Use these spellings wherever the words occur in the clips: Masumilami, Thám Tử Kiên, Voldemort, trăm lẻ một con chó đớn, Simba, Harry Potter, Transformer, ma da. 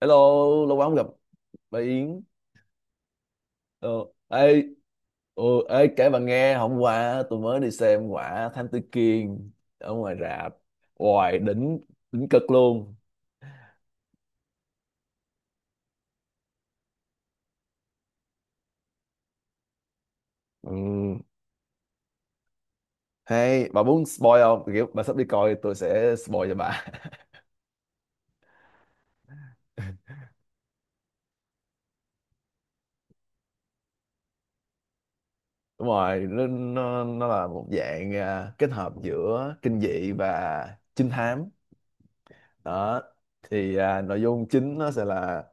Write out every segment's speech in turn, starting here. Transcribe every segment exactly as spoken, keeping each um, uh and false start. Hello, lâu quá không gặp bà Yến. Ờ, ê, ờ, ê, kể bà nghe, hôm qua tôi mới đi xem quả Thám Tử Kiên ở ngoài rạp. Hoài đỉnh, đỉnh cực luôn. Ừ. Hay, bà muốn spoil không? Kiểu bà sắp đi coi tôi sẽ spoil cho bà. Đúng rồi, nó, nó, nó là một dạng à, kết hợp giữa kinh dị và trinh thám. Đó, thì à, nội dung chính nó sẽ là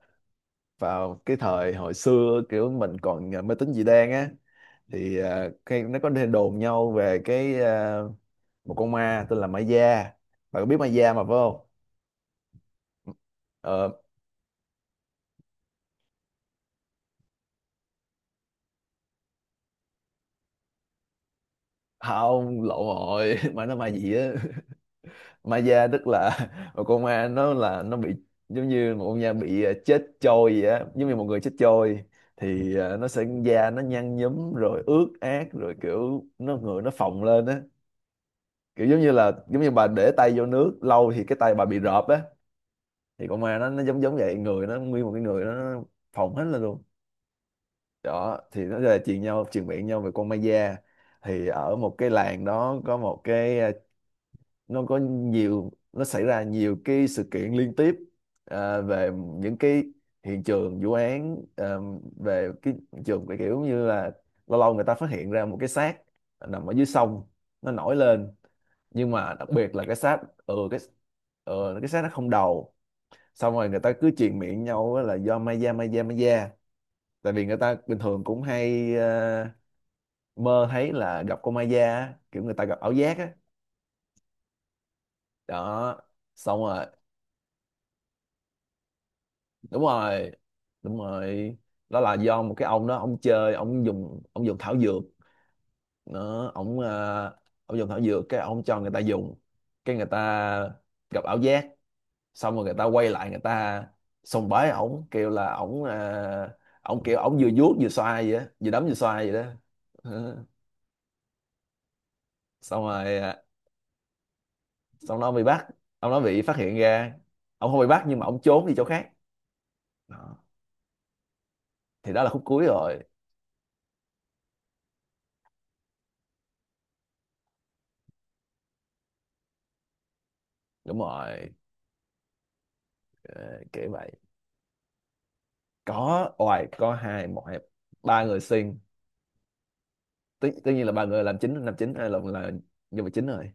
vào cái thời hồi xưa kiểu mình còn à, mê tín dị đoan á thì à, cái nó có đồn nhau về cái à, một con ma tên là ma da, bạn có biết ma da mà phải không? Ờ không, lộn rồi mà nó ma gì á ma da tức là một con ma nó là nó bị giống như một con ma bị à, chết trôi vậy á, giống như một người chết trôi thì à, nó sẽ da nó nhăn nhúm rồi ướt át rồi kiểu nó người nó phồng lên á, kiểu giống như là giống như bà để tay vô nước lâu thì cái tay bà bị rợp á, thì con ma nó nó giống giống vậy, người nó nguyên một cái người nó nó phồng hết lên luôn. Đó thì nó là truyền nhau truyền miệng nhau về con ma da, thì ở một cái làng đó có một cái à, nó có nhiều, nó xảy ra nhiều cái sự kiện liên tiếp à, về những cái hiện trường vụ án à, về cái hiện trường cái kiểu như là lâu lâu người ta phát hiện ra một cái xác nằm ở dưới sông, nó nổi lên. Nhưng mà đặc biệt là cái xác, ừ cái ừ, cái xác nó không đầu. Xong rồi người ta cứ truyền miệng nhau á là do ma da, ma da, ma da. Tại vì người ta bình thường cũng hay ờ, mơ thấy là gặp con ma da á, kiểu người ta gặp ảo giác á. Đó, xong rồi, đúng rồi, đúng rồi, đó là do một cái ông đó, ông chơi, ông dùng ông dùng thảo dược. Nó ông ờ, ông dùng thảo dược, cái ông cho người ta dùng, cái người ta gặp ảo giác. Xong rồi người ta quay lại, người ta sùng bái ổng, kêu là ổng ờ, ổng kiểu ổng vừa vuốt vừa xoa vậy á, vừa đấm vừa xoa vậy đó. Ờ, xong rồi ờ, xong nó bị bắt, ông nó bị phát hiện ra, ông không bị bắt nhưng mà ông trốn đi chỗ khác. Đó. Thì đó là khúc cuối rồi. Đúng rồi. Ờ, kiểu vậy. Có oài, có hai, một hai ba người xuyên tất, tất nhiên là ba người làm chính, làm chính ai là là nhân vật chính rồi.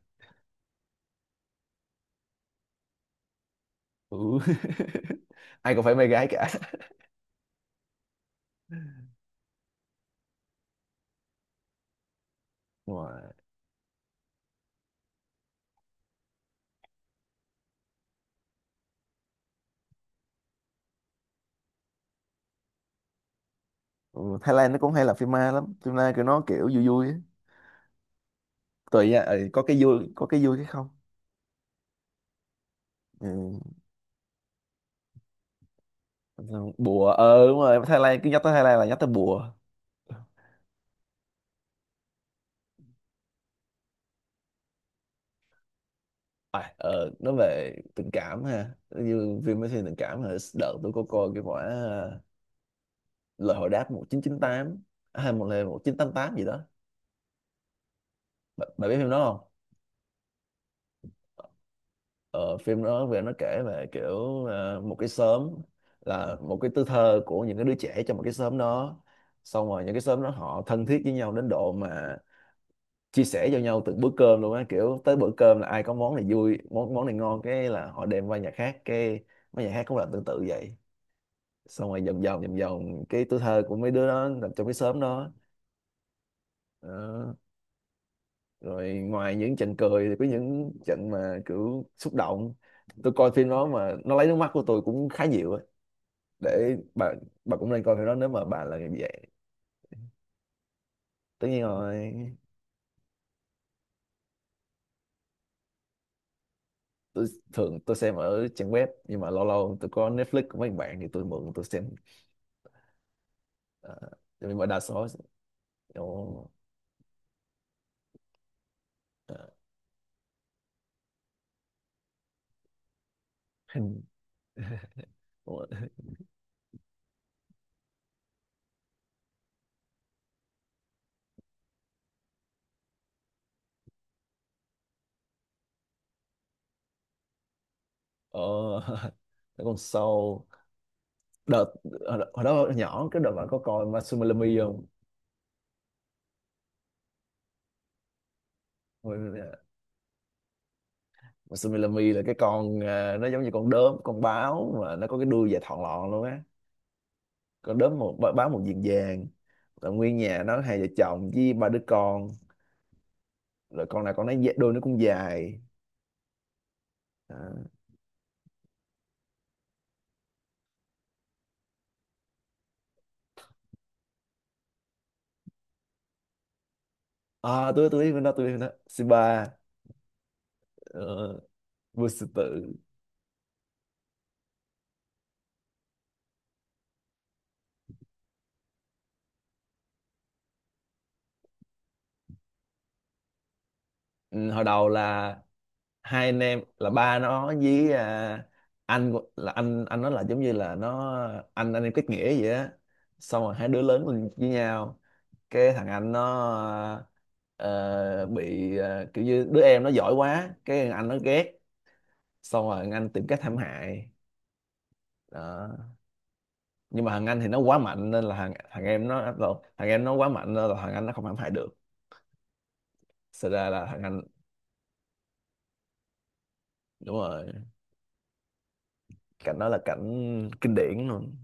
Ừ. ai cũng phải mê gái cả đúng rồi. Ừ, Thái Lan nó cũng hay làm phim ma lắm, phim ma kiểu nó kiểu vui vui á. Tùy nha, ừ, có cái vui, có cái vui cái không. Ừ. Bùa, ờ đúng rồi, Thái Lan, cứ nhắc tới Thái Lan là nhắc tới bùa. À, ờ, nói về tình cảm ha, như phim mới thiên tình cảm là đợt tôi có coi cái quả ờ, lời hồi đáp một chín chín tám, à, hay một lời một chín tám tám gì đó. Bạn, bạn biết phim đó không? Ờ, phim đó về nó kể về kiểu ờ, một cái xóm, là một cái tuổi thơ của những cái đứa trẻ trong một cái xóm đó. Xong rồi những cái xóm đó họ thân thiết với nhau đến độ mà chia sẻ cho nhau từng bữa cơm luôn á, kiểu tới bữa cơm là ai có món này vui, món món này ngon, cái là họ đem qua nhà khác, cái mấy nhà khác cũng làm tương tự vậy. Xong rồi vòng vòng vòng vòng cái tuổi thơ của mấy đứa đó nằm trong cái xóm đó. Đó. Rồi ngoài những trận cười thì có những trận mà kiểu xúc động, tôi coi phim đó mà nó lấy nước mắt của tôi cũng khá nhiều á, để bà bà cũng nên coi phim đó nếu mà bà là người như vậy. Tất nhiên rồi. Tôi thường tôi xem ở trang web nhưng mà lâu lâu tôi có Netflix của mấy bạn thì tôi mượn tôi xem. Ờ, nhưng mà đa số ồ ờ, hình ồ ờ, còn Soul đợt hồi đó hồi đó nhỏ, cái đợt bạn có coi Masumilami không? Ôi, Masumilami là cái con à, nó giống như con đốm, con báo mà nó có cái đuôi dài thọn lọn luôn á, con đốm một bá- báo một diện vàng, là nguyên nhà nó hai vợ chồng với ba đứa con, rồi con nào con nấy dạ- đuôi nó cũng dài. À, à tôi tôi biết con đó, tôi biết con đó, Simba. Uh, vua sư tử. Ừ, hồi đầu là hai anh em, là ba nó với à, anh của- là anh anh nó, là giống như là nó anh anh em kết nghĩa vậy á. Xong rồi hai đứa lớn lên với nhau, cái thằng anh nó ờ, bị ờ, kiểu như đứa em nó giỏi quá cái thằng anh nó ghét. Xong rồi thằng anh tìm cách hãm hại. Đó, nhưng mà thằng anh thì nó quá mạnh nên là thằng thằng em nó, thằng em nó quá mạnh nên là thằng anh nó không hãm hại được. Xảy ra là thằng anh, đúng rồi, cảnh đó là cảnh kinh điển luôn.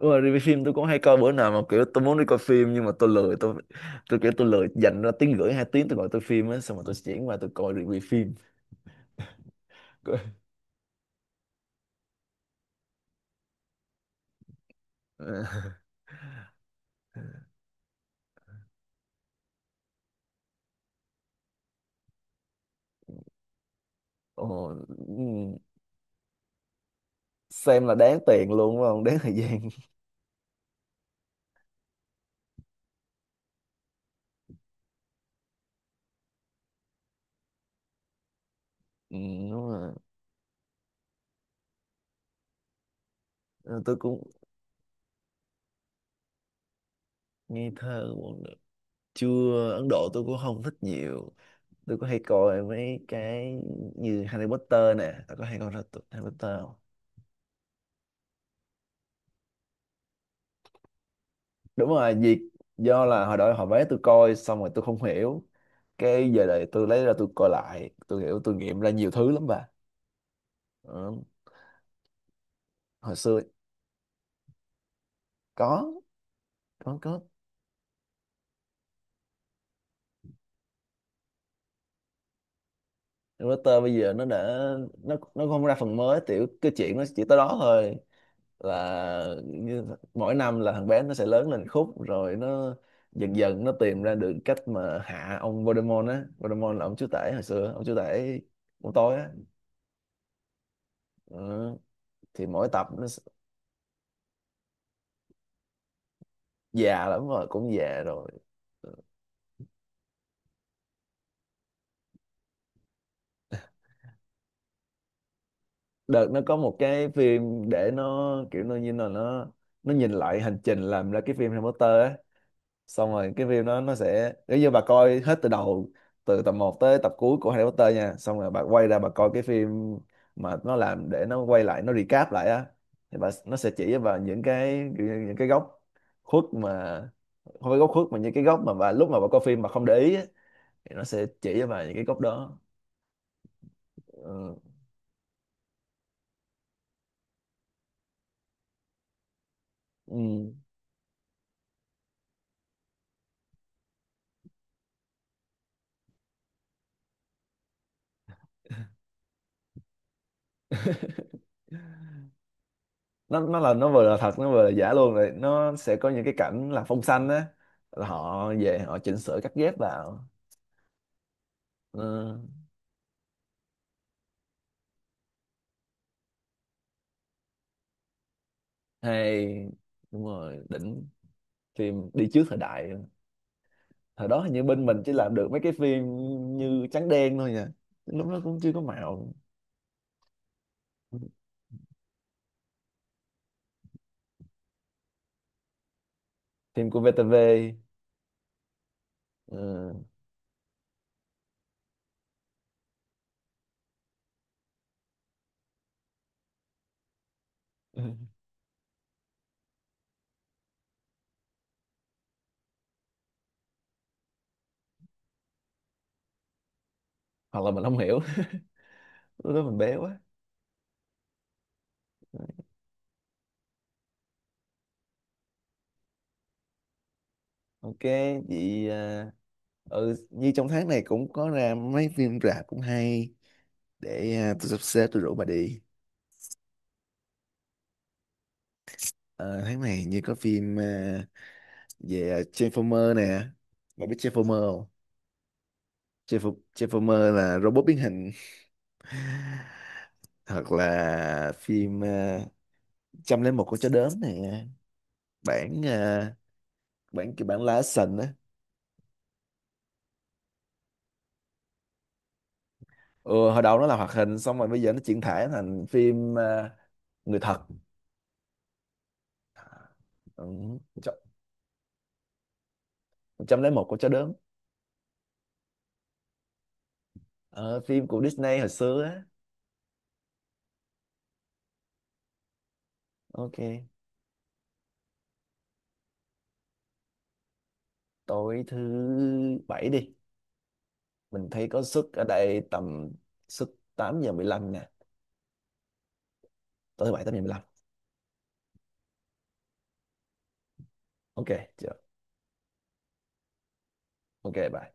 Đúng rồi, review phim tôi cũng hay coi, bữa nào mà kiểu tôi muốn đi coi phim nhưng mà tôi lười, tôi tôi kiểu tôi lười dành ra tiếng rưỡi hai tiếng tôi gọi tôi phim á, xong rồi tôi chuyển qua tôi coi review phim. Ồ, ừm, xem là đáng tiền luôn đúng không, đáng thời gian. Ừ, đúng rồi. Ờ, tôi cũng nghe thơ cũng được. Chưa, Ấn Độ tôi cũng không thích nhiều. Tôi có hay coi mấy cái như Harry Potter nè, tôi có hay coi ra tụi Harry Potter không? Đúng rồi, việc do là hồi đó họ vé tôi coi xong rồi tôi không hiểu. Cái giờ này tôi lấy ra tôi coi lại, tôi hiểu, tôi nghiệm ra nhiều thứ lắm bà. Ờ, hồi xưa có, có có router. Bây giờ nó đã, nó nó không ra phần mới tiểu, cái chuyện nó chỉ tới đó thôi. Là như, mỗi năm là thằng bé nó sẽ lớn lên khúc rồi nó dần dần nó tìm ra được cách mà hạ ông Voldemort á. Voldemort là ông chúa tể hồi xưa, ông chúa tể của tôi á. Ờ, thì mỗi tập nó s- già lắm rồi, cũng già rồi. Ờ, đợt nó có một cái phim để nó kiểu nó như là nó nó nhìn lại hành trình làm ra cái phim Harry Potter á. Xong rồi cái phim đó nó sẽ nếu như bà coi hết từ đầu, từ tập một tới tập cuối của Harry Potter nha, xong rồi bà quay ra bà coi cái phim mà nó làm để nó quay lại nó recap lại á, thì bà, nó sẽ chỉ cho bà những cái kiểu như những cái góc khuất mà, không phải góc khuất mà những cái góc mà bà lúc mà bà coi phim mà không để ý á, thì nó sẽ chỉ cho bà những cái góc đó. Ừ. Ừ. nó nó là nó vừa là thật, nó vừa là giả luôn, rồi nó sẽ có những cái cảnh là phông xanh á, là họ về họ chỉnh sửa cắt ghép vào. Ờ, hay, đúng rồi, đỉnh, phim đi trước thời đại. Thời đó hình như bên mình chỉ làm được mấy cái phim như trắng đen thôi nha, lúc đó cũng chưa có màu. Phim của vê tê vê, ờ, hoặc là mình không hiểu lúc đó mình bé quá. Ok chị à, ừ như trong tháng này cũng có ra mấy phim rạp cũng hay, để à, tôi sắp xếp tôi rủ bà đi. Ờ, tháng này như có phim à, về à, Transformer nè, bà biết Transformer không? Transform- Transformer là robot biến hình. Hoặc là phim à, trăm lẻ một con chó đớn nè, bản à, bản kiểu bản live action á. Ừ, hồi đầu nó là hoạt hình xong rồi bây giờ nó chuyển thể thành phim à, người thật. Ừ, trăm lẻ một con chó đớn. Ờ, phim của Disney hồi xưa á. Ok, tối thứ bảy đi, mình thấy có suất ở đây tầm suất tám giờ mười lăm nè, tối thứ bảy tám giờ mười lăm. Ok chưa. Ok bye.